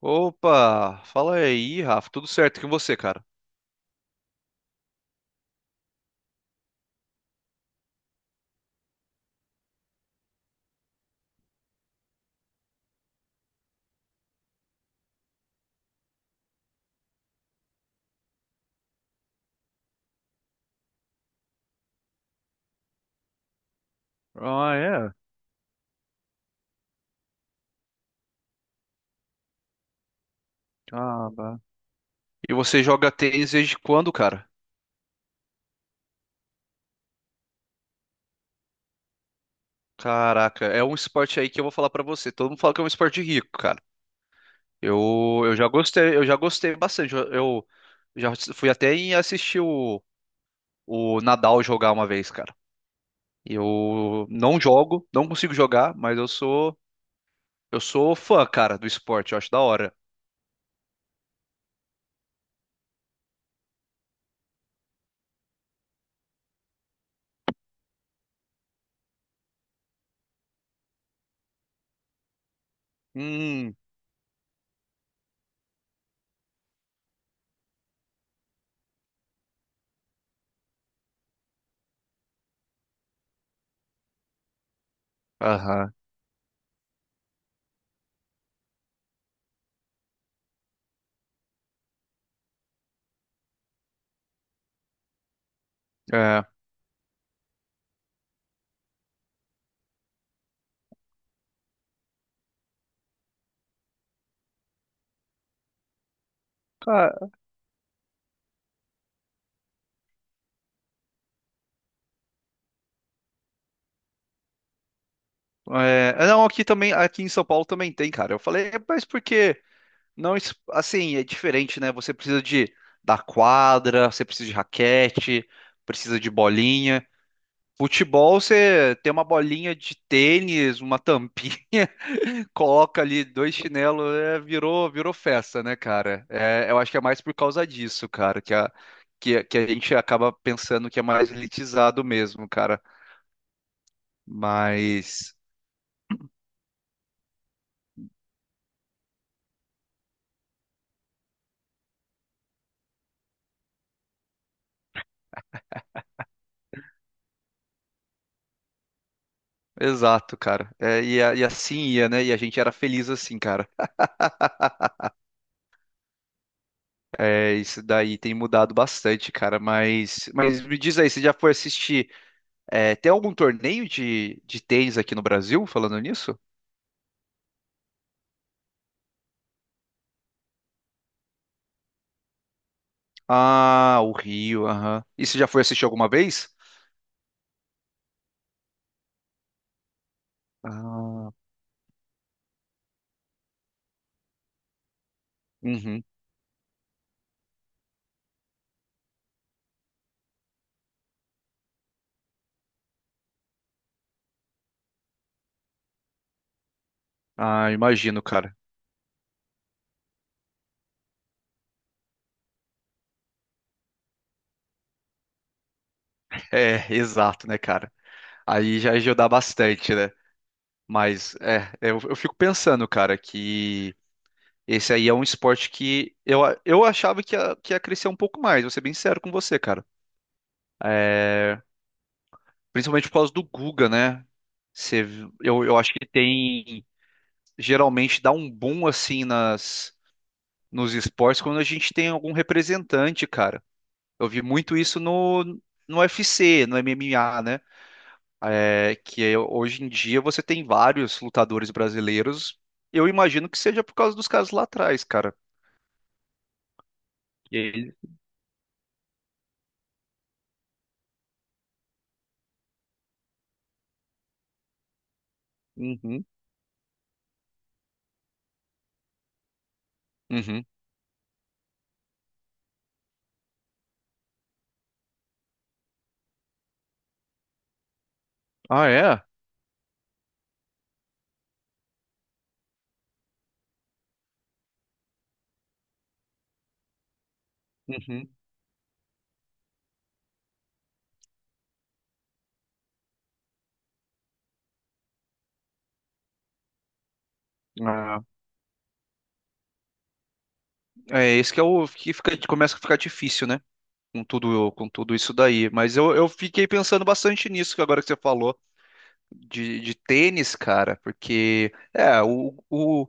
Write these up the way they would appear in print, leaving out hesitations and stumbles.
Opa, fala aí, Rafa. Tudo certo com você, cara? Ah, é? Ah, bah. E você joga tênis desde quando, cara? Caraca, é um esporte aí que eu vou falar pra você. Todo mundo fala que é um esporte rico, cara. Eu, eu já gostei, eu já gostei bastante. Eu já fui até em assistir o Nadal jogar uma vez, cara. Eu não jogo, não consigo jogar, mas eu sou fã, cara, do esporte. Eu acho da hora. Hum. Aham. É. Cara, é, é, não, aqui também, aqui em São Paulo também tem, cara. Eu falei, "É, mas porque não, assim, é diferente, né? Você precisa de da quadra, você precisa de raquete, precisa de bolinha. Futebol, você tem uma bolinha de tênis, uma tampinha, coloca ali dois chinelos, é, virou festa, né, cara? É, eu acho que é mais por causa disso, cara, que a gente acaba pensando que é mais elitizado mesmo, cara. Mas. Exato, cara. É, e assim ia, né? E a gente era feliz assim, cara. É, isso daí tem mudado bastante, cara. Mas me diz aí, você já foi assistir? É, tem algum torneio de tênis aqui no Brasil, falando nisso? Ah, o Rio, aham. E você já foi assistir alguma vez? Ah, uhum. Ah, imagino, cara. É, exato, né, cara? Aí já ajuda bastante, né? Mas, é, eu fico pensando, cara, que. Esse aí é um esporte que eu achava que ia crescer um pouco mais, vou ser bem sincero com você, cara. É, principalmente por causa do Guga, né? Você- eu acho que tem. Geralmente dá um boom assim nas, nos esportes quando a gente tem algum representante, cara. Eu vi muito isso no UFC, no MMA, né? É, que é, hoje em dia você tem vários lutadores brasileiros. Eu imagino que seja por causa dos caras lá atrás, cara. E ele... Uhum, uhum. Ah, é? Uhum. Ah, é, esse que é o que fica, começa a ficar difícil, né? Com tudo isso daí. Mas eu fiquei pensando bastante nisso que agora que você falou de tênis, cara, porque é o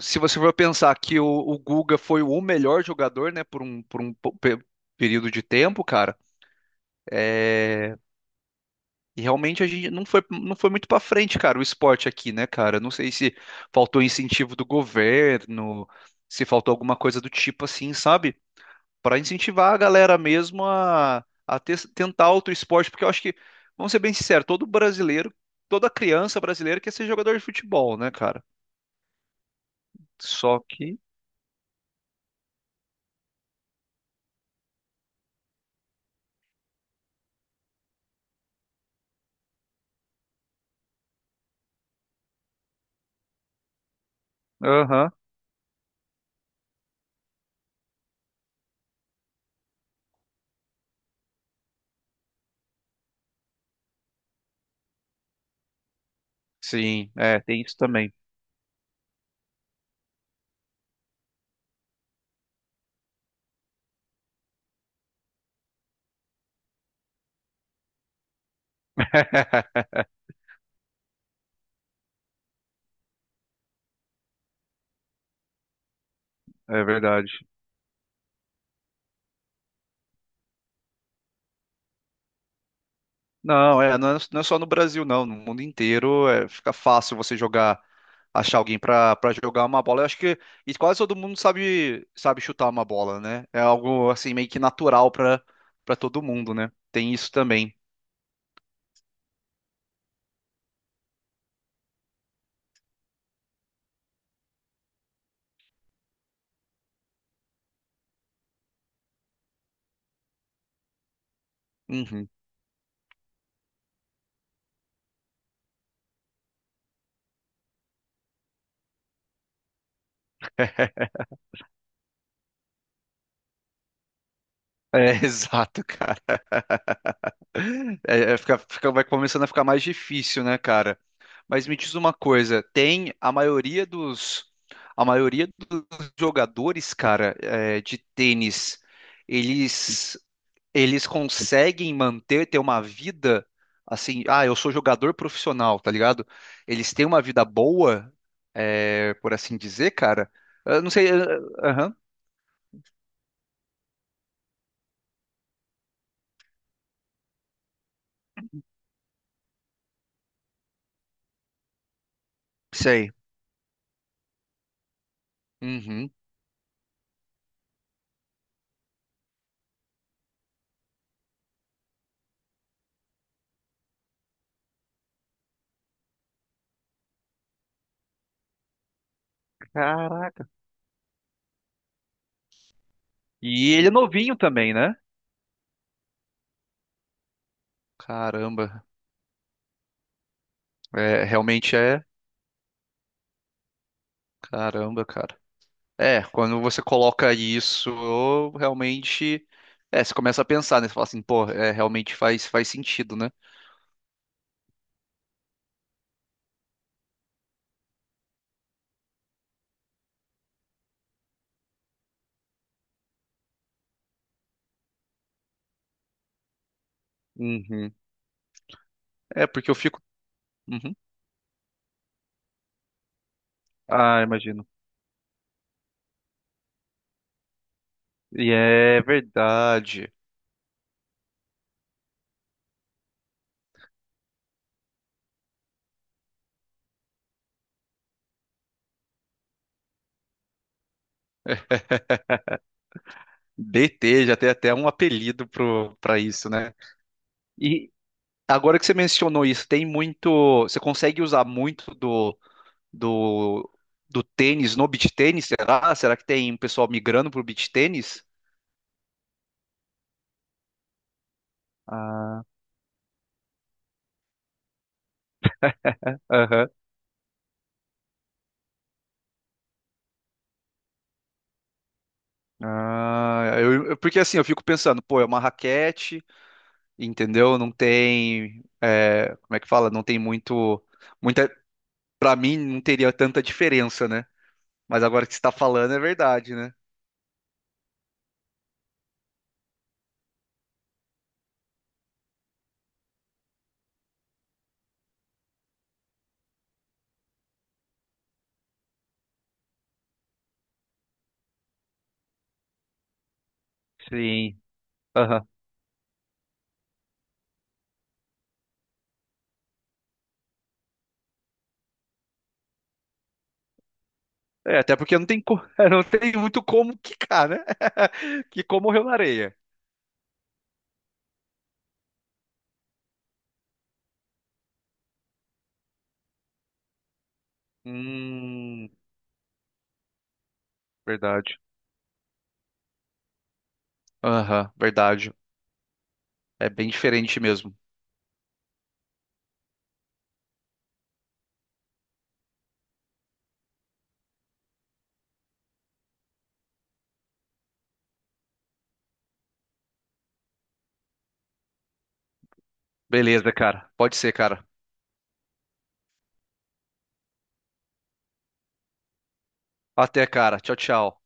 se você for pensar que o Guga foi o melhor jogador, né, por um período de tempo, cara, é, e realmente a gente não foi muito pra frente, cara, o esporte aqui, né, cara? Não sei se faltou incentivo do governo, se faltou alguma coisa do tipo assim, sabe? Para incentivar a galera mesmo a tentar outro esporte, porque eu acho que, vamos ser bem sinceros, todo brasileiro, toda criança brasileira quer ser jogador de futebol, né, cara? Só que. Aham. Sim, é, tem isso também. É verdade. Não, é, não é só no Brasil, não. No mundo inteiro é, fica fácil você jogar, achar alguém pra para jogar uma bola. Eu acho que e quase todo mundo sabe chutar uma bola, né? É algo assim meio que natural pra para todo mundo, né? Tem isso também. Uhum. É, exato, cara. É, é, vai começando a ficar mais difícil, né, cara? Mas me diz uma coisa, tem a maioria dos jogadores, cara, é, de tênis, eles, eles conseguem manter, ter uma vida assim, ah, eu sou jogador profissional, tá ligado? Eles têm uma vida boa, é, por assim dizer, cara. Eu não sei, aham, sei. Uhum. Caraca. E ele é novinho também, né? Caramba. É, realmente é. Caramba, cara. É, quando você coloca isso, realmente. É, você começa a pensar, né? Você fala assim, pô, é, realmente faz sentido, né? Uhum. É, porque eu fico. Uhum. Ah, imagino. E é verdade. DT já tem até um apelido pra isso, né? E agora que você mencionou isso, tem muito. Você consegue usar muito do, do tênis no beach tênis, será? Será que tem pessoal migrando pro beach tênis? Ah, aham. Ah, porque assim, eu fico pensando, pô, é uma raquete, entendeu? Não tem, é, como é que fala? Não tem muito, muita, para mim não teria tanta diferença, né? Mas agora que você está falando é verdade, né? Sim. Aham. É, até porque não tem, não tem muito como quicar, né? Que como morreu na areia. Hum, verdade. Aham, verdade. É bem diferente mesmo. Beleza, cara. Pode ser, cara. Até, cara. Tchau, tchau.